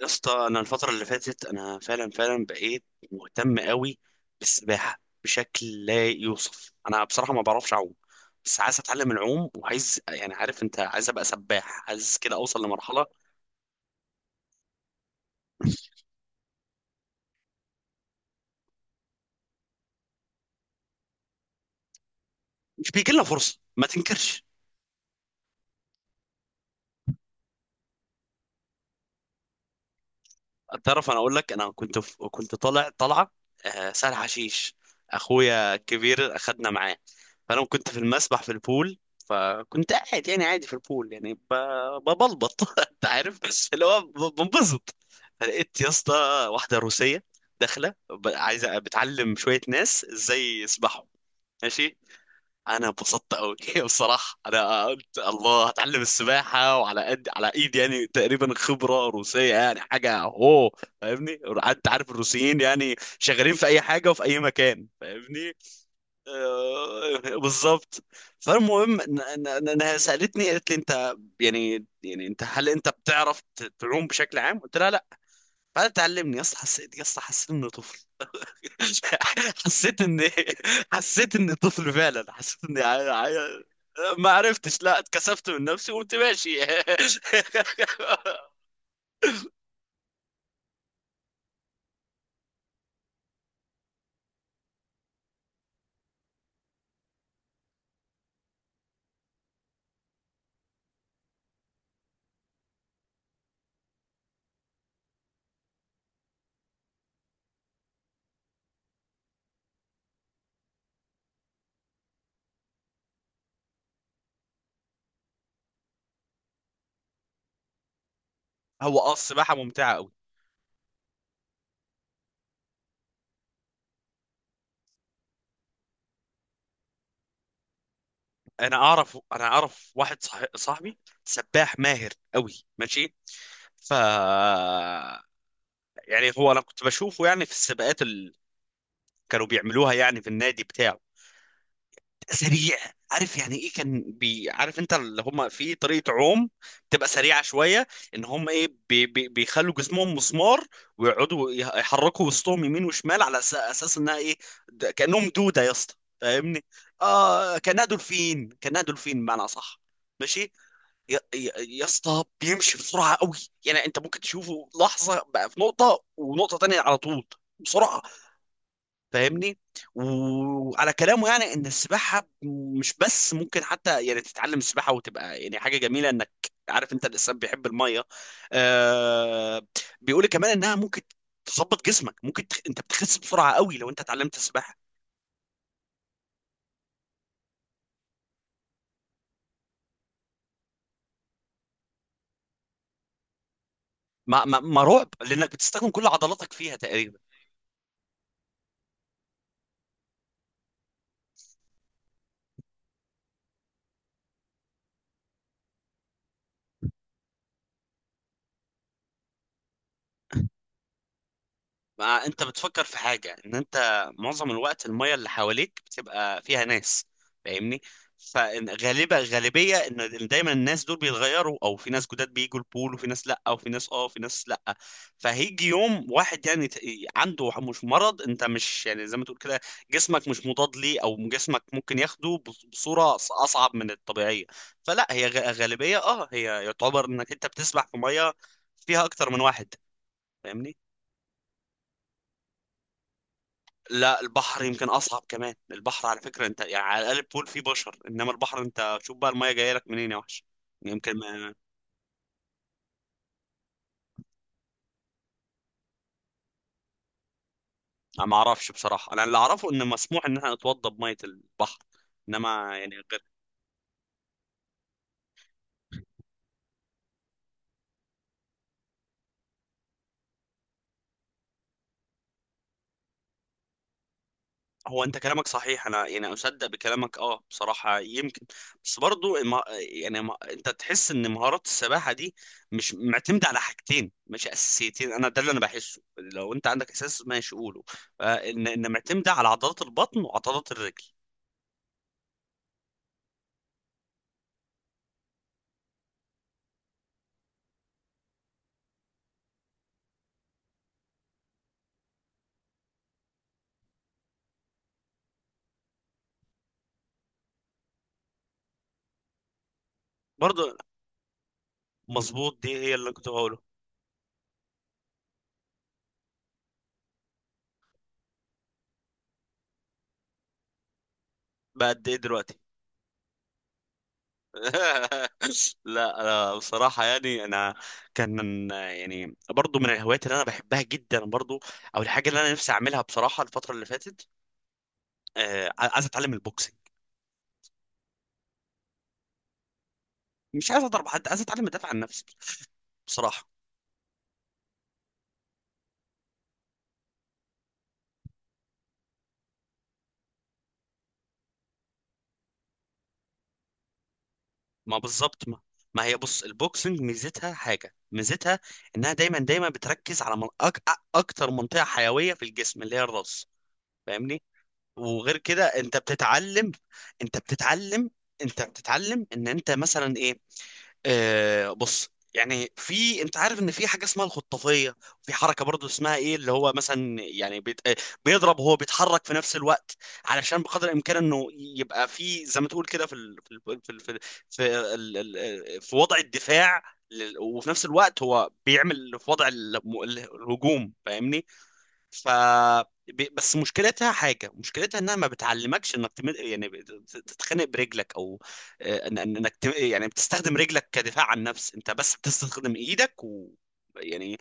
يا اسطى، انا الفتره اللي فاتت انا فعلا بقيت مهتم قوي بالسباحه بشكل لا يوصف. انا بصراحه ما بعرفش اعوم، بس عايز اتعلم العوم، وعايز، يعني عارف انت، عايز ابقى سباح، عايز كده اوصل لمرحله. مش بيجي لنا فرصه ما تنكرش. تعرف انا اقول لك، انا كنت طالع، طالعه سهل حشيش. اخويا الكبير اخدنا معاه. فانا كنت في المسبح، في البول. فكنت قاعد يعني عادي في البول، يعني ببلبط انت عارف، بس اللي هو بنبسط. فلقيت يا اسطى واحده روسيه داخله عايزه بتعلم شويه ناس ازاي يسبحوا. ماشي. انا انبسطت قوي بصراحه انا قلت الله، هتعلم السباحه، وعلى قد على ايدي يعني، تقريبا خبره روسيه يعني حاجه. هو فاهمني. قعدت، عارف الروسيين يعني شغالين في اي حاجه وفي اي مكان، فاهمني. آه بالظبط. فالمهم انها سالتني، قالت لي انت يعني، انت هل انت بتعرف تعوم بشكل عام؟ قلت لها لا. فقالت تعلمني. يا اسطى حسيت، يا اسطى حسيت اني طفل. حسيت اني، حسيت اني طفل فعلا. حسيت اني ما عرفتش، لا، اتكسفت من نفسي وقمت ماشي. هو اه، السباحه ممتعه قوي. انا اعرف، انا اعرف واحد صاحبي سباح ماهر قوي، ماشي. ف يعني هو انا كنت بشوفه يعني في السباقات اللي كانوا بيعملوها يعني في النادي بتاعه، سريع. عارف يعني ايه؟ كان بي، عارف انت، اللي هم في طريقه عوم بتبقى سريعه شويه، ان هم ايه بي بي بيخلوا جسمهم مسمار، ويقعدوا يحركوا وسطهم يمين وشمال على اساس انها ايه، كانهم دوده يا اسطى، فاهمني. اه كانها دولفين، كانها دولفين بمعنى صح، ماشي. يا اسطى بيمشي بسرعه قوي، يعني انت ممكن تشوفه لحظه بقى في نقطه ونقطه تانية على طول، بسرعه، فاهمني. وعلى كلامه يعني، ان السباحه مش بس ممكن حتى يعني تتعلم السباحه وتبقى يعني حاجه جميله، انك عارف انت الانسان بيحب الميه. آه. بيقول لي كمان انها ممكن تظبط جسمك، ممكن انت بتخس بسرعه قوي لو انت اتعلمت السباحه. ما رعب، لانك بتستخدم كل عضلاتك فيها تقريبا. ما انت بتفكر في حاجة، ان انت معظم الوقت المية اللي حواليك بتبقى فيها ناس، فاهمني. فغالبا غالبية ان دايما الناس دول بيتغيروا، او في ناس جداد بيجوا البول، وفي ناس لا، وفي ناس اه، وفي ناس لا. فهيجي يوم واحد يعني عنده مش مرض، انت مش يعني زي ما تقول كده جسمك مش مضاد ليه، او جسمك ممكن ياخده بصورة اصعب من الطبيعية. فلا هي غالبية اه، هي يعتبر انك انت بتسبح في مية فيها اكتر من واحد، فاهمني. لا البحر يمكن اصعب كمان. البحر على فكره انت يعني، على الاقل البول فيه بشر، انما البحر انت شوف بقى الميه جايه لك منين يا وحش، يعني يمكن ما. أنا ما اعرفش بصراحه، انا اللي اعرفه ان مسموح ان احنا نتوضى بميه البحر، انما يعني غير. هو انت كلامك صحيح، انا يعني اصدق بكلامك اه بصراحه، يمكن. بس برضو يعني انت تحس ان مهارات السباحه دي مش معتمده على حاجتين مش اساسيتين، انا ده اللي انا بحسه، لو انت عندك اساس ماشي قوله. آه، ان معتمده على عضلات البطن وعضلات الرجل. برضو مظبوط، دي هي اللي كنت بقوله. بقد ايه دلوقتي؟ لا أنا بصراحة يعني أنا، كان من يعني برضو من الهوايات اللي أنا بحبها جدا برضو، أو الحاجة اللي أنا نفسي أعملها بصراحة الفترة اللي فاتت، آه، عايز أتعلم البوكسينج. مش عايز أضرب حد، عايز أتعلم أدافع عن نفسي بصراحة. ما بالظبط ما. ما هي بص، البوكسنج ميزتها حاجة، ميزتها انها دايما بتركز على من اكتر منطقة حيوية في الجسم، اللي هي الراس، فاهمني. وغير كده انت بتتعلم، انت بتتعلم انت بتتعلم ان انت مثلا ايه. آه بص، يعني في، انت عارف ان في حاجه اسمها الخطافيه. في حركه برضو اسمها ايه، اللي هو مثلا يعني بيت... آه، بيضرب وهو بيتحرك في نفس الوقت، علشان بقدر الامكان انه يبقى في زي ما تقول كده في ال... في ال... في ال... في, ال... في, ال... ال- آه، في وضع الدفاع وفي نفس الوقت هو بيعمل في وضع الهجوم، فاهمني. ف بس مشكلتها حاجه، مشكلتها انها ما بتعلمكش انك يعني تتخانق برجلك، او آه، انك يعني بتستخدم رجلك كدفاع عن النفس، انت بس بتستخدم ايدك و، يعني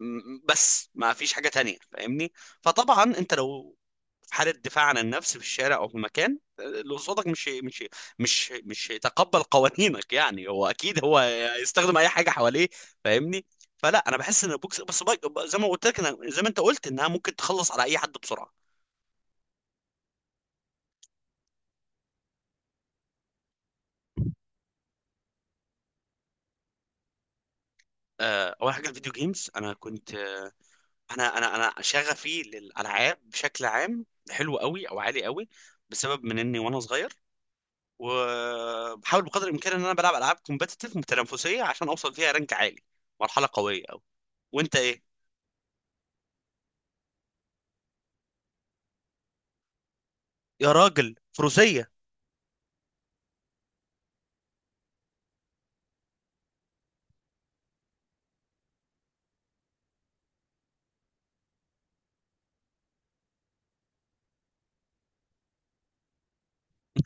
بس ما فيش حاجه تانية، فاهمني. فطبعا انت لو حالة دفاع عن النفس في الشارع أو في مكان، اللي قصادك مش هيتقبل قوانينك، يعني هو أكيد هو هيستخدم أي حاجة حواليه، فاهمني. فلا أنا بحس إن البوكس بس زي ما قلت لك، أنا زي ما أنت قلت إنها ممكن تخلص على أي حد بسرعة. آه، أول حاجة الفيديو جيمز، أنا كنت، أنا شغفي للألعاب بشكل عام حلو قوي أو عالي قوي، بسبب من إني وأنا صغير. وبحاول بقدر الإمكان إن أنا بلعب ألعاب كومبتيتيف متنافسية عشان أوصل فيها رانك عالي، مرحلة قوية. وانت ايه؟ يا راجل فروسية!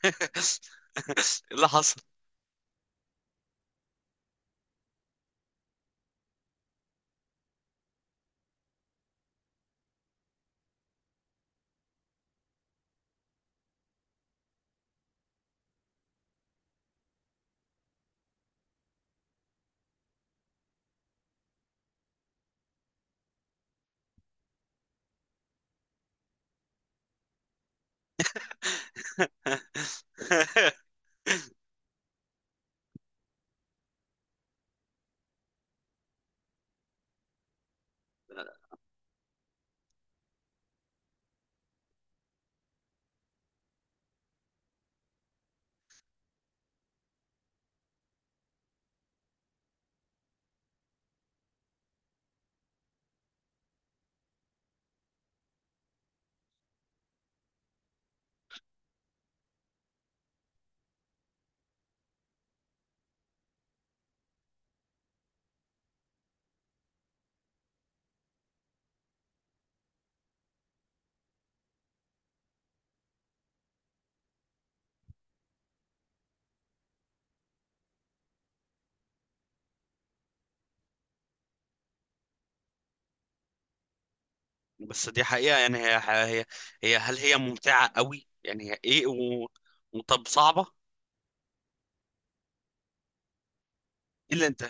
ايه اللي حصل؟ بس دي حقيقة، يعني هي هي، هل هي ممتعة قوي؟ يعني هي ايه و... وطب صعبة ايه؟ اللي انت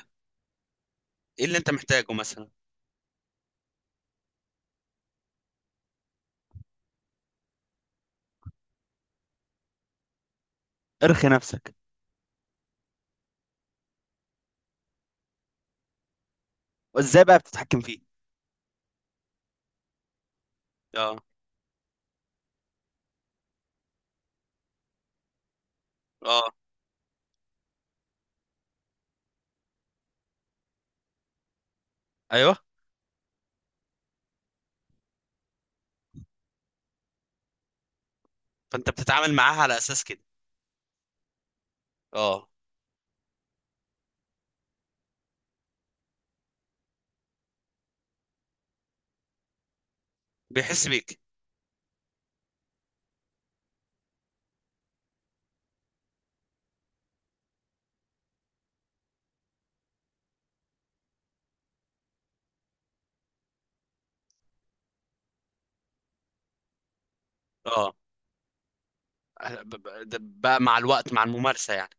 ايه اللي انت محتاجه مثلا؟ ارخي نفسك. وازاي بقى بتتحكم فيه؟ اه. اه. ايوه. فانت بتتعامل معاها على اساس كده. اه. بيحس بيك. اه. ده بقى مع الوقت مع الممارسة يعني.